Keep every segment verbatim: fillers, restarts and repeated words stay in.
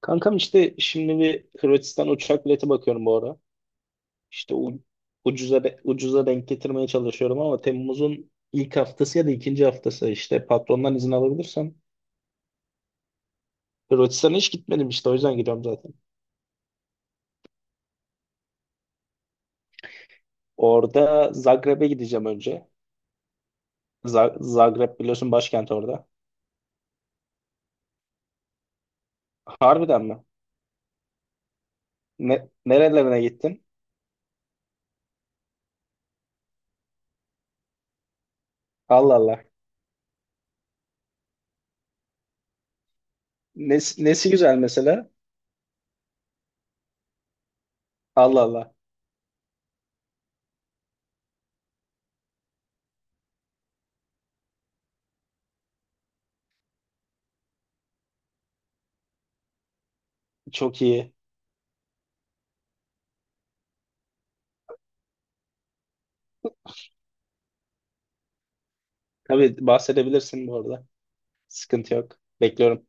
Kankam işte şimdi bir Hırvatistan uçak bileti bakıyorum bu ara. İşte u- ucuza de- ucuza denk getirmeye çalışıyorum ama Temmuz'un ilk haftası ya da ikinci haftası işte patrondan izin alabilirsem. Hırvatistan'a hiç gitmedim, işte o yüzden gidiyorum zaten. Orada Zagreb'e gideceğim önce. Za- Zagreb biliyorsun, başkent orada. Harbiden mi? Ne nerelerine gittin? Allah Allah. Nesi, nesi güzel mesela? Allah Allah. Çok iyi. Tabii bahsedebilirsin bu arada. Sıkıntı yok. Bekliyorum.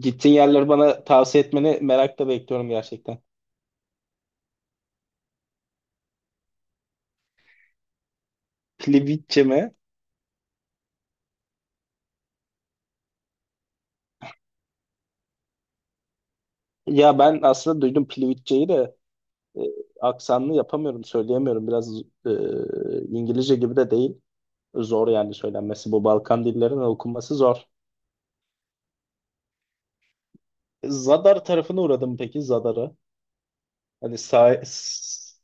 Gittiğin yerleri bana tavsiye etmeni merakla bekliyorum gerçekten. Plivitçe mi? Ya ben aslında duydum Plivitçe'yi de, e, aksanlı yapamıyorum, söyleyemiyorum. Biraz e, İngilizce gibi de değil. Zor yani söylenmesi. Bu Balkan dillerinin okunması zor. Zadar tarafına uğradım, peki Zadar'a. Hani sah s-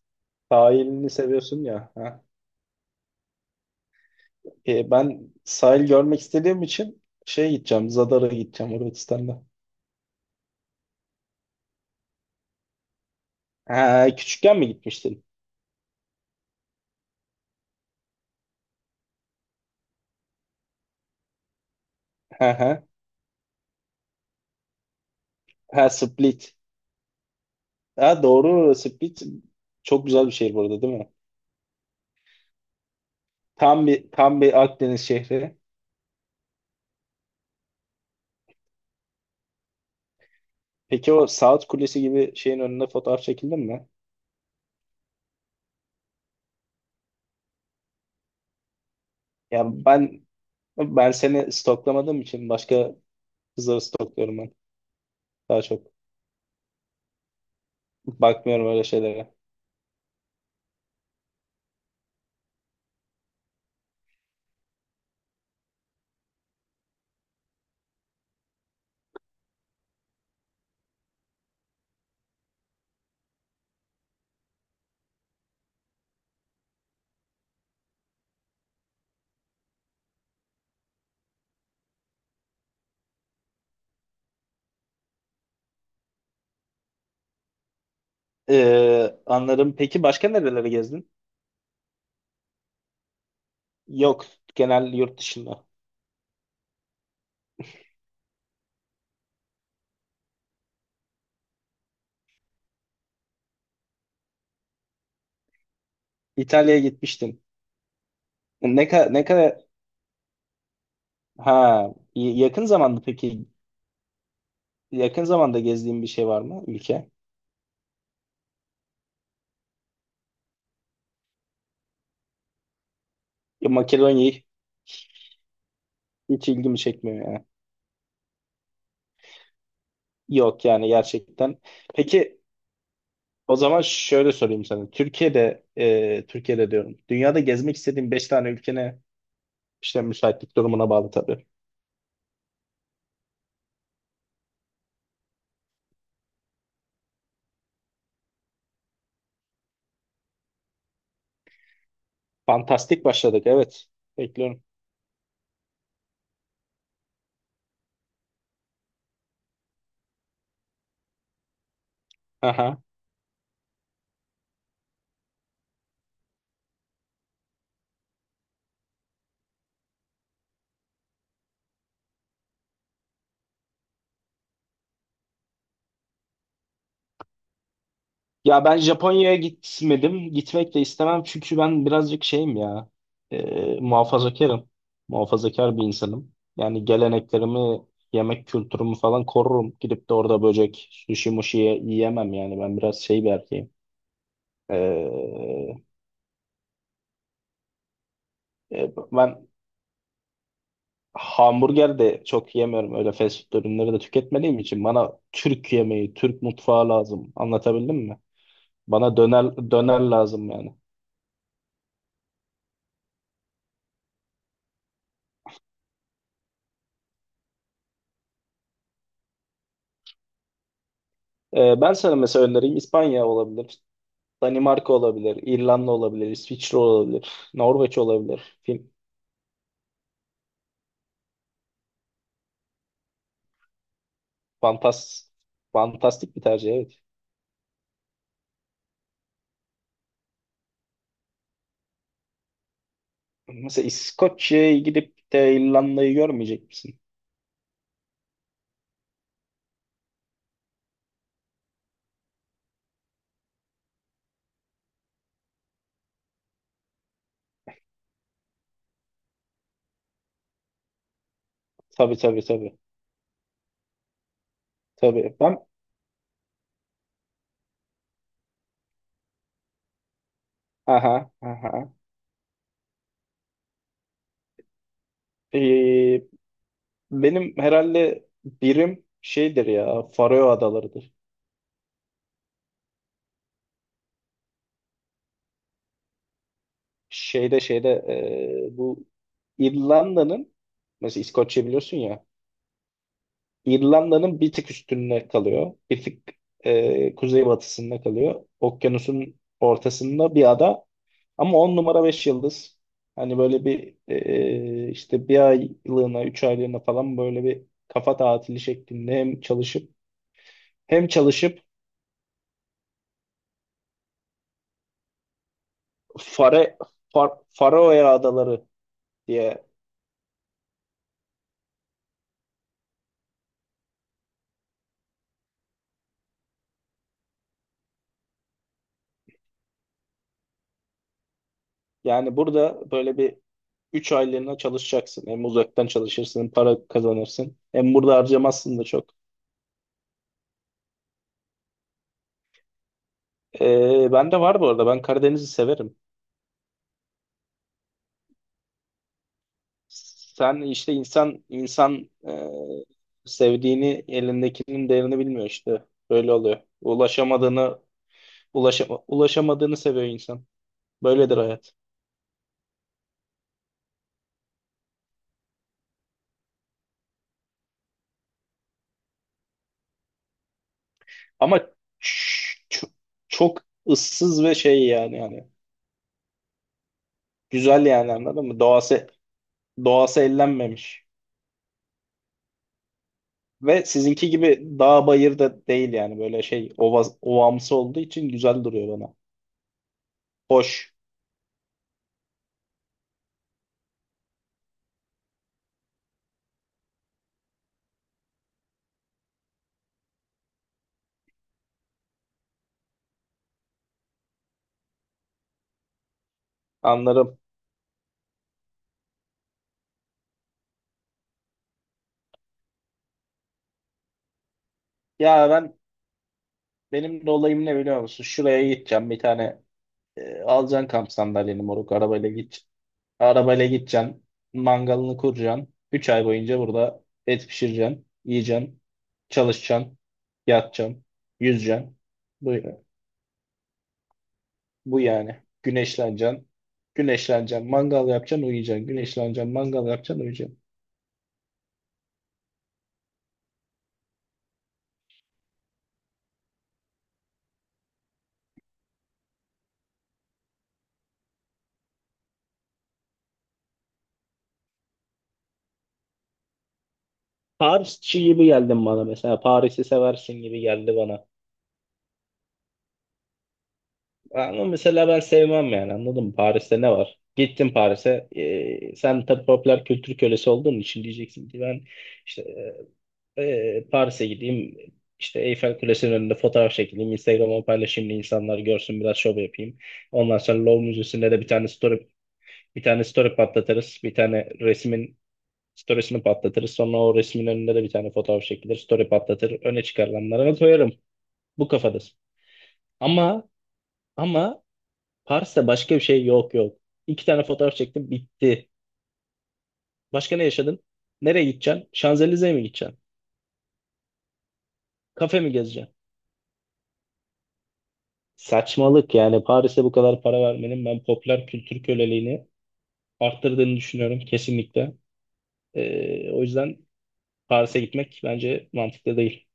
sahilini seviyorsun ya. Ha. E, ben sahil görmek istediğim için şey gideceğim, Zadar'a gideceğim Hırvatistan'da. Ha, küçükken mi gitmiştin? Ha, ha. Ha, Split. Ha, doğru, Split çok güzel bir şehir burada, değil mi? Tam bir tam bir Akdeniz şehri. Peki o Saat Kulesi gibi şeyin önünde fotoğraf çekildin mi? Ya ben ben seni stoklamadığım için başka kızları stokluyorum ben. Daha çok bakmıyorum öyle şeylere. Ee, anladım. Peki başka nerelere gezdin? Yok, genel yurt dışında. İtalya'ya gitmiştin. Ne kadar ne kadar, ha y- yakın zamanda peki yakın zamanda gezdiğin bir şey var mı, ülke? Ya Makedonya hiç ilgimi çekmiyor ya. Yok yani, gerçekten. Peki o zaman şöyle sorayım sana. Türkiye'de e, Türkiye'de diyorum. Dünyada gezmek istediğin beş tane ülkene işte müsaitlik durumuna bağlı tabii. Fantastik başladık, evet. Bekliyorum. Aha. Ya ben Japonya'ya gitmedim. Gitmek de istemem çünkü ben birazcık şeyim ya. E, muhafazakarım. Muhafazakar bir insanım. Yani geleneklerimi, yemek kültürümü falan korurum. Gidip de orada böcek, sushi muşi ye- yiyemem yani. Ben biraz şey bir erkeğim. Ee, e, ben hamburger de çok yemiyorum. Öyle fast food ürünleri de tüketmediğim için bana Türk yemeği, Türk mutfağı lazım. Anlatabildim mi? Bana döner döner lazım yani. Ee, ben sana mesela önereyim, İspanya olabilir, Danimarka olabilir, İrlanda olabilir, İsviçre olabilir, Norveç olabilir. Fin, fantas, fantastik bir tercih, evet. Mesela İskoçya'ya gidip de İrlanda'yı görmeyecek misin? Tabii tabii tabii. Tabii ben, aha aha. Ee, Benim herhalde birim şeydir ya, Faroe Adaları'dır. Şeyde şeyde, e, bu İrlanda'nın, mesela İskoçya biliyorsun ya, İrlanda'nın bir tık üstünde kalıyor. Bir tık e, kuzeybatısında kalıyor. Okyanusun ortasında bir ada ama on numara, beş yıldız. Hani böyle bir, e, işte bir aylığına, üç aylığına falan, böyle bir kafa tatili şeklinde hem çalışıp hem çalışıp, Fare, Far, Faroe Adaları diye. Yani burada böyle bir üç aylığına çalışacaksın. Hem uzaktan çalışırsın, hem para kazanırsın. Hem burada harcamazsın da çok. Ee, ben de var bu arada. Ben Karadeniz'i severim. Sen işte insan insan, e, sevdiğini elindekinin değerini bilmiyor işte. Böyle oluyor. Ulaşamadığını ulaşama, ulaşamadığını seviyor insan. Böyledir hayat. Ama ç- ç- çok ıssız ve şey, yani yani güzel yani, anladın mı? Doğası doğası ellenmemiş. Ve sizinki gibi dağ bayır da değil, yani böyle şey, ova, ovamsı olduğu için güzel duruyor bana. Hoş, anlarım. Ya ben, benim de olayım ne, biliyor musun? Şuraya gideceğim bir tane, e, alacaksın kamp sandalyeni, moruk, arabayla git. Arabayla gideceksin, mangalını kuracaksın. üç ay boyunca burada et pişireceksin. Yiyeceksin. Çalışacaksın. Yatacaksın. Yüzeceksin. Bu, bu yani. Güneşleneceksin. Güneşleneceksin. Mangal yapacaksın, uyuyacaksın. Güneşleneceksin. Mangal yapacaksın, uyuyacaksın. Parisçi gibi geldin bana mesela. Paris'i seversin gibi geldi bana. Ama mesela ben sevmem, yani anladın mı? Paris'te ne var? Gittin Paris'e. e, sen tabii popüler kültür kölesi olduğun için diyeceksin ki ben işte, e, e, Paris'e gideyim. İşte Eyfel Kulesi'nin önünde fotoğraf çekileyim. Instagram'a paylaşayım da insanlar görsün, biraz şov yapayım. Ondan sonra Louvre Müzesi'nde de bir tane story bir tane story patlatırız. Bir tane resmin storiesini patlatırız. Sonra o resmin önünde de bir tane fotoğraf çekilir. Story patlatır. Öne çıkarılanlara koyarım. Bu kafadasın. Ama ama Paris'te başka bir şey yok, yok. İki tane fotoğraf çektim, bitti. Başka ne yaşadın? Nereye gideceksin? Şanzelize'ye mi gideceksin? Kafe mi gezeceksin? Saçmalık yani, Paris'e bu kadar para vermenin ben popüler kültür köleliğini arttırdığını düşünüyorum kesinlikle. Ee, o yüzden Paris'e gitmek bence mantıklı değil.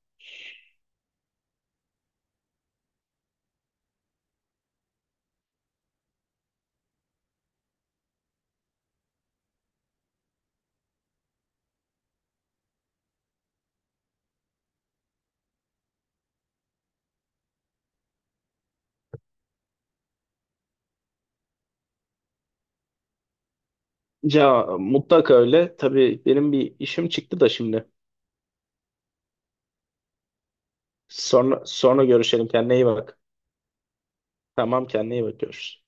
Ya mutlaka öyle. Tabii benim bir işim çıktı da şimdi. Sonra sonra görüşelim. Kendine iyi bak. Tamam, kendine iyi bakıyoruz.